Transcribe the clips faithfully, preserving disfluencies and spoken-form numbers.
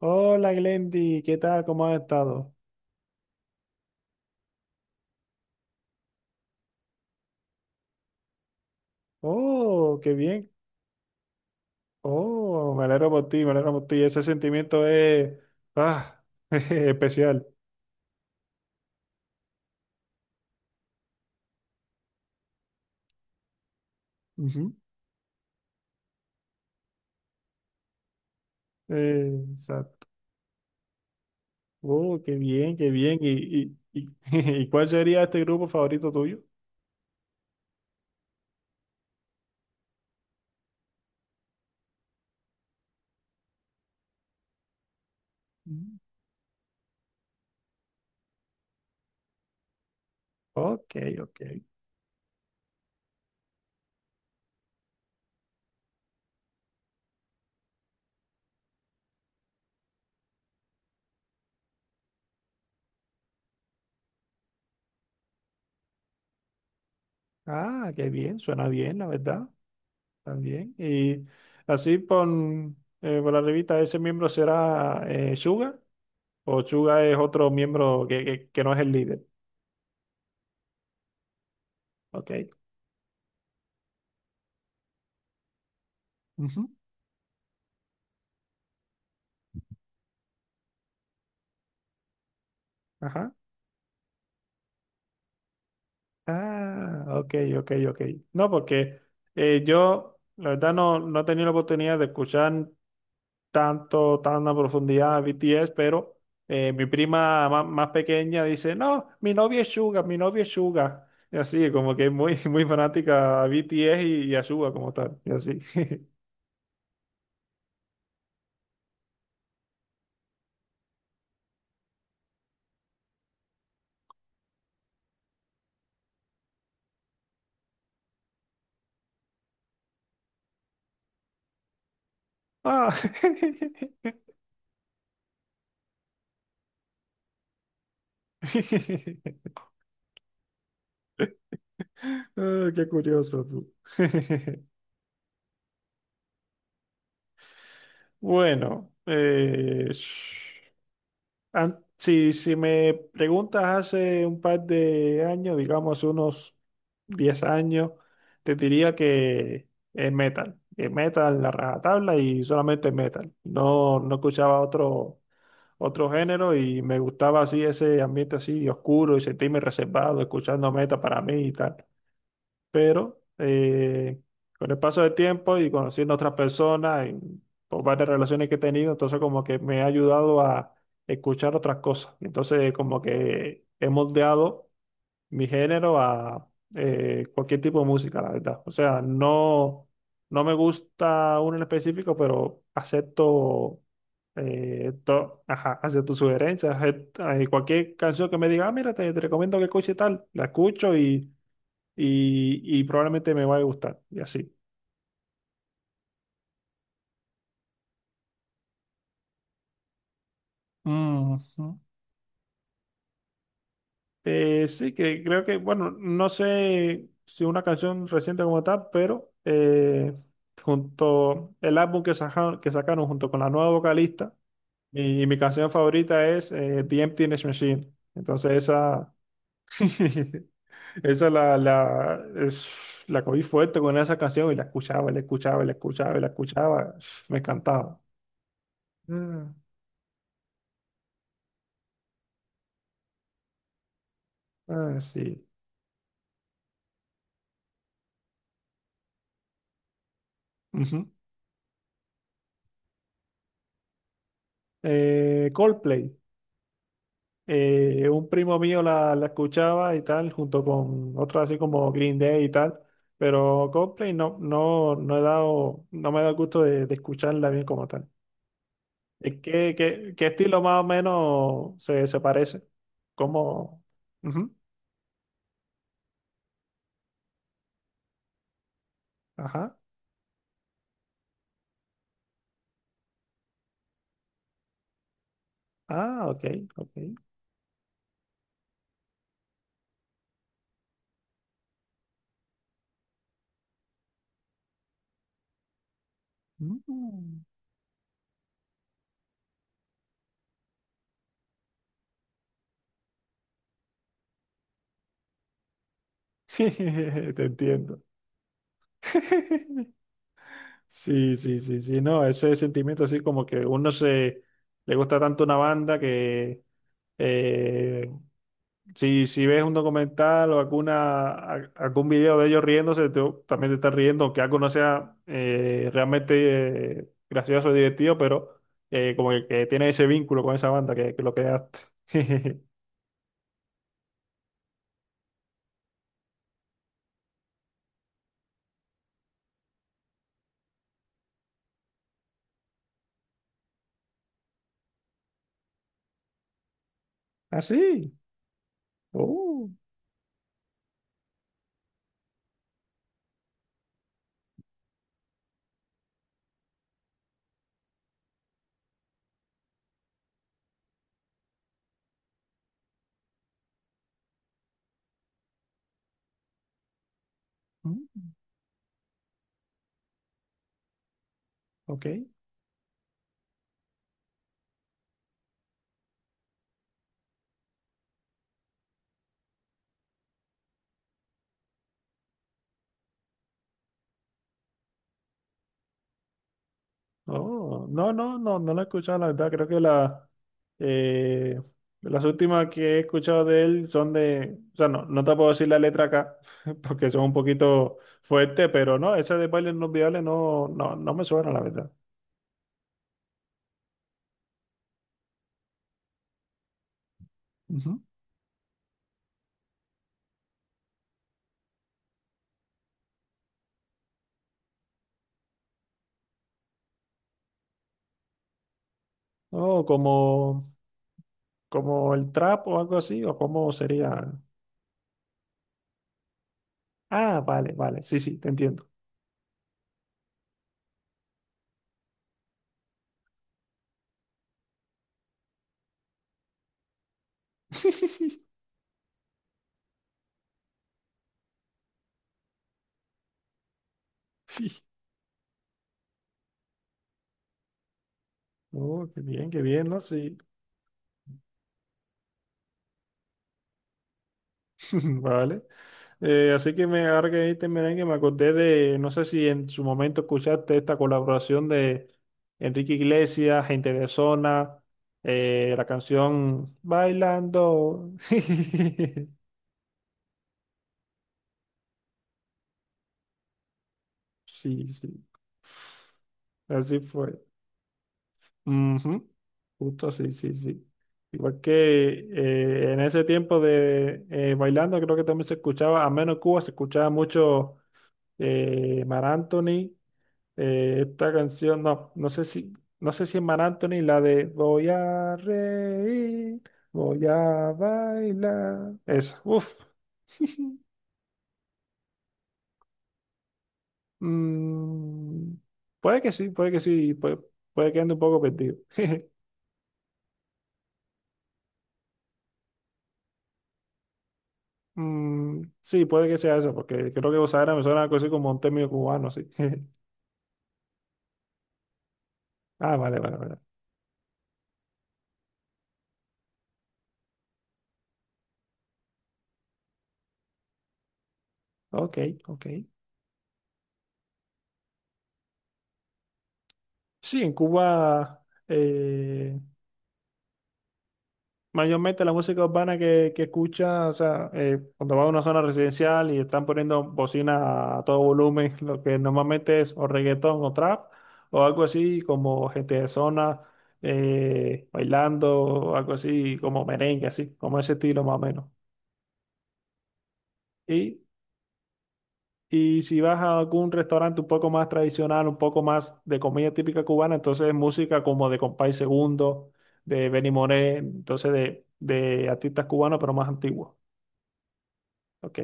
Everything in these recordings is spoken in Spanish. Hola Glendy, ¿qué tal? ¿Cómo has estado? Oh, qué bien. Oh, me alegro por ti, me alegro por ti. Ese sentimiento es ah, especial. Ujú. Eh, exacto. Oh, qué bien, qué bien. ¿Y, y, y, ¿y cuál sería este grupo favorito tuyo? Mm. Ok, ok. Ah, qué bien, suena bien, la verdad. También. Y así por, eh, por la revista, ¿ese miembro será eh, Suga? ¿O Suga es otro miembro que, que que no es el líder? Ok, ujú, ajá. Ah, ok, ok, ok. No, porque eh, yo, la verdad, no, no he tenido la oportunidad de escuchar tanto, tan a profundidad a B T S, pero eh, mi prima má- más pequeña dice, no, mi novio es Suga, mi novio es Suga. Y así, como que es muy, muy fanática a B T S y, y a Suga como tal. Y así. Ah. Ah, qué curioso tú. Bueno, eh, An- si, si me preguntas hace un par de años, digamos unos diez años, te diría que es metal. Es metal la rajatabla y solamente metal. No, no escuchaba otro, otro género y me gustaba así ese ambiente así oscuro y sentirme reservado escuchando metal para mí y tal, pero eh, con el paso del tiempo y conociendo a otras personas y por varias relaciones que he tenido, entonces como que me ha ayudado a escuchar otras cosas. Entonces como que he moldeado mi género a eh, cualquier tipo de música, la verdad. O sea, no, no me gusta uno en específico, pero acepto... Eh, to- ajá, hacia tus sugerencias, eh, eh, cualquier canción que me diga: "Ah, mira, te, te recomiendo que escuche tal", la escucho y y, y probablemente me va a gustar, y así. Ujú. Eh, sí, que creo que, bueno, no sé si una canción reciente como tal, pero eh, junto el álbum que sacaron, que sacaron junto con la nueva vocalista, mi, mi canción favorita es eh, The Emptiness Machine. Entonces esa, esa la, la, es, la cogí fuerte con esa canción y la escuchaba, la escuchaba, la escuchaba, la escuchaba, me encantaba. Ah, ah, sí. eh, Coldplay. Eh, un primo mío la, la escuchaba y tal, junto con otros así como Green Day y tal, pero Coldplay no, no, no he dado, no me da el gusto de, de escucharla bien como tal. Eh, ¿Qué, qué, qué estilo más o menos se, se parece? ¿Cómo? Ujú, ajá. Ah, ok, ok. Mm. Te entiendo. Sí, sí, sí, sí, no, ese sentimiento así como que uno se le gusta tanto una banda que. Eh, si, si ves un documental o alguna, a- algún video de ellos riéndose, tú también te estás riendo, aunque algo no sea eh, realmente eh, gracioso o divertido, pero eh, como que, que tiene ese vínculo con esa banda que, que lo creaste. Así. Oh, mm, ok. Oh, no, no, no, no la he escuchado, la verdad. Creo que la, eh, las últimas que he escuchado de él son de. O sea, no, no te puedo decir la letra acá, porque son un poquito fuertes, pero no, esa de bailes no viales no, no, no me suena, la verdad. Ujú. Oh, como, como el trap o algo así, o cómo sería. Ah, vale, vale, sí, sí, te entiendo. Sí, sí, sí. Oh, qué bien, qué bien, ¿no? Sí. Vale. Eh, así que me ahora que dijiste merengue, me acordé de, no sé si en su momento escuchaste esta colaboración de Enrique Iglesias, Gente de Zona, eh, la canción Bailando. Sí, sí. Así fue. Ujú. Justo sí sí, sí. Igual que eh, en ese tiempo de eh, bailando, creo que también se escuchaba, a menos Cuba, se escuchaba mucho eh, Mar Anthony. Eh, esta canción, no, no sé si, no sé si es Mar Anthony, la de Voy a reír, voy a bailar. Esa, uff. Mm, puede que sí, puede que sí, puede, puede que ande un poco perdido. Mm, sí, puede que sea eso porque creo que Osadera me suena algo así como un término cubano, sí. Ah, vale, vale, vale. Ok, ok. Sí, en Cuba. eh, Mayormente la música urbana que, que escucha, o sea, eh, cuando va a una zona residencial y están poniendo bocina a todo volumen, lo que normalmente es o reggaetón o trap, o algo así como gente de zona eh, bailando, o algo así como merengue, así, como ese estilo más o menos. Y, y si vas a algún restaurante un poco más tradicional, un poco más de comida típica cubana, entonces es música como de Compay Segundo, de Benny Moré, entonces de, de artistas cubanos, pero más antiguos. Ok.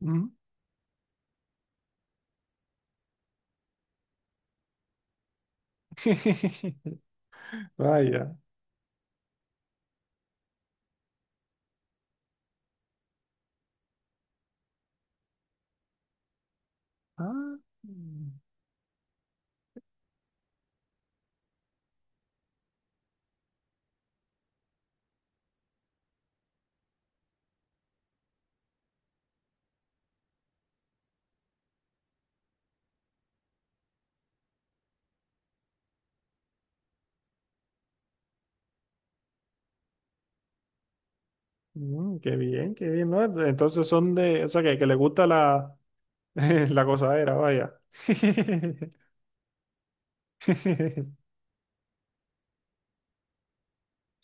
Mm. Vaya. Ah, mm, mm, qué bien, qué bien, ¿no? Entonces son de, o sea, que, que le gusta la, la gozadera, vaya.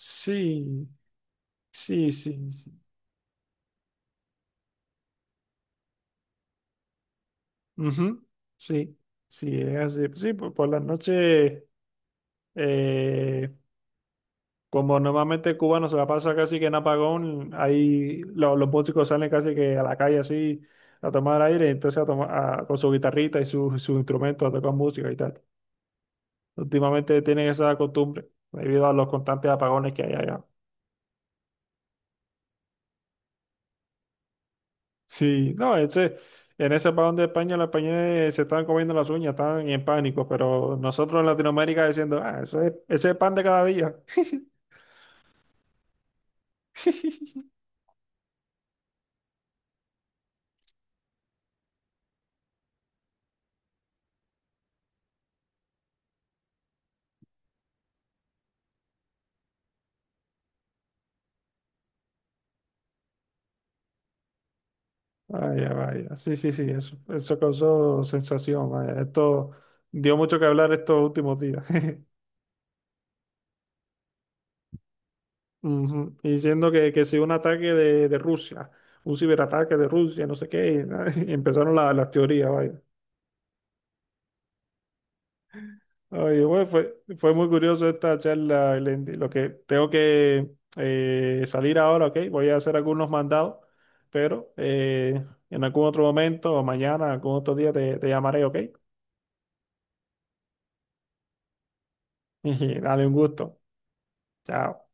Sí, sí, sí, sí. Ujú, sí, sí, es así. Sí, por, por las noches. Como normalmente Cuba cubano se la pasa casi que en apagón, ahí lo- los músicos salen casi que a la calle así a tomar aire, entonces a toma- a- con su guitarrita y su, su instrumento a tocar música y tal. Últimamente tienen esa costumbre debido a los constantes apagones que hay allá. Sí, no, ese, en ese apagón de España los españoles se están comiendo las uñas, están en pánico, pero nosotros en Latinoamérica diciendo, ah, eso es, ese es pan de cada día. Vaya, vaya. Sí, sí, sí, eso, eso causó sensación, vaya. Esto dio mucho que hablar estos últimos días. Ujú. Y diciendo que, que si un ataque de, de Rusia, un ciberataque de Rusia, no sé qué, y, y empezaron la- las teorías, vaya. Oye, bueno, fue, fue muy curioso esta charla, Elendi. Lo que tengo que eh, salir ahora, ok, voy a hacer algunos mandados, pero eh, en algún otro momento o mañana, algún otro día te, te llamaré, ok. Y Dale un gusto. Chao.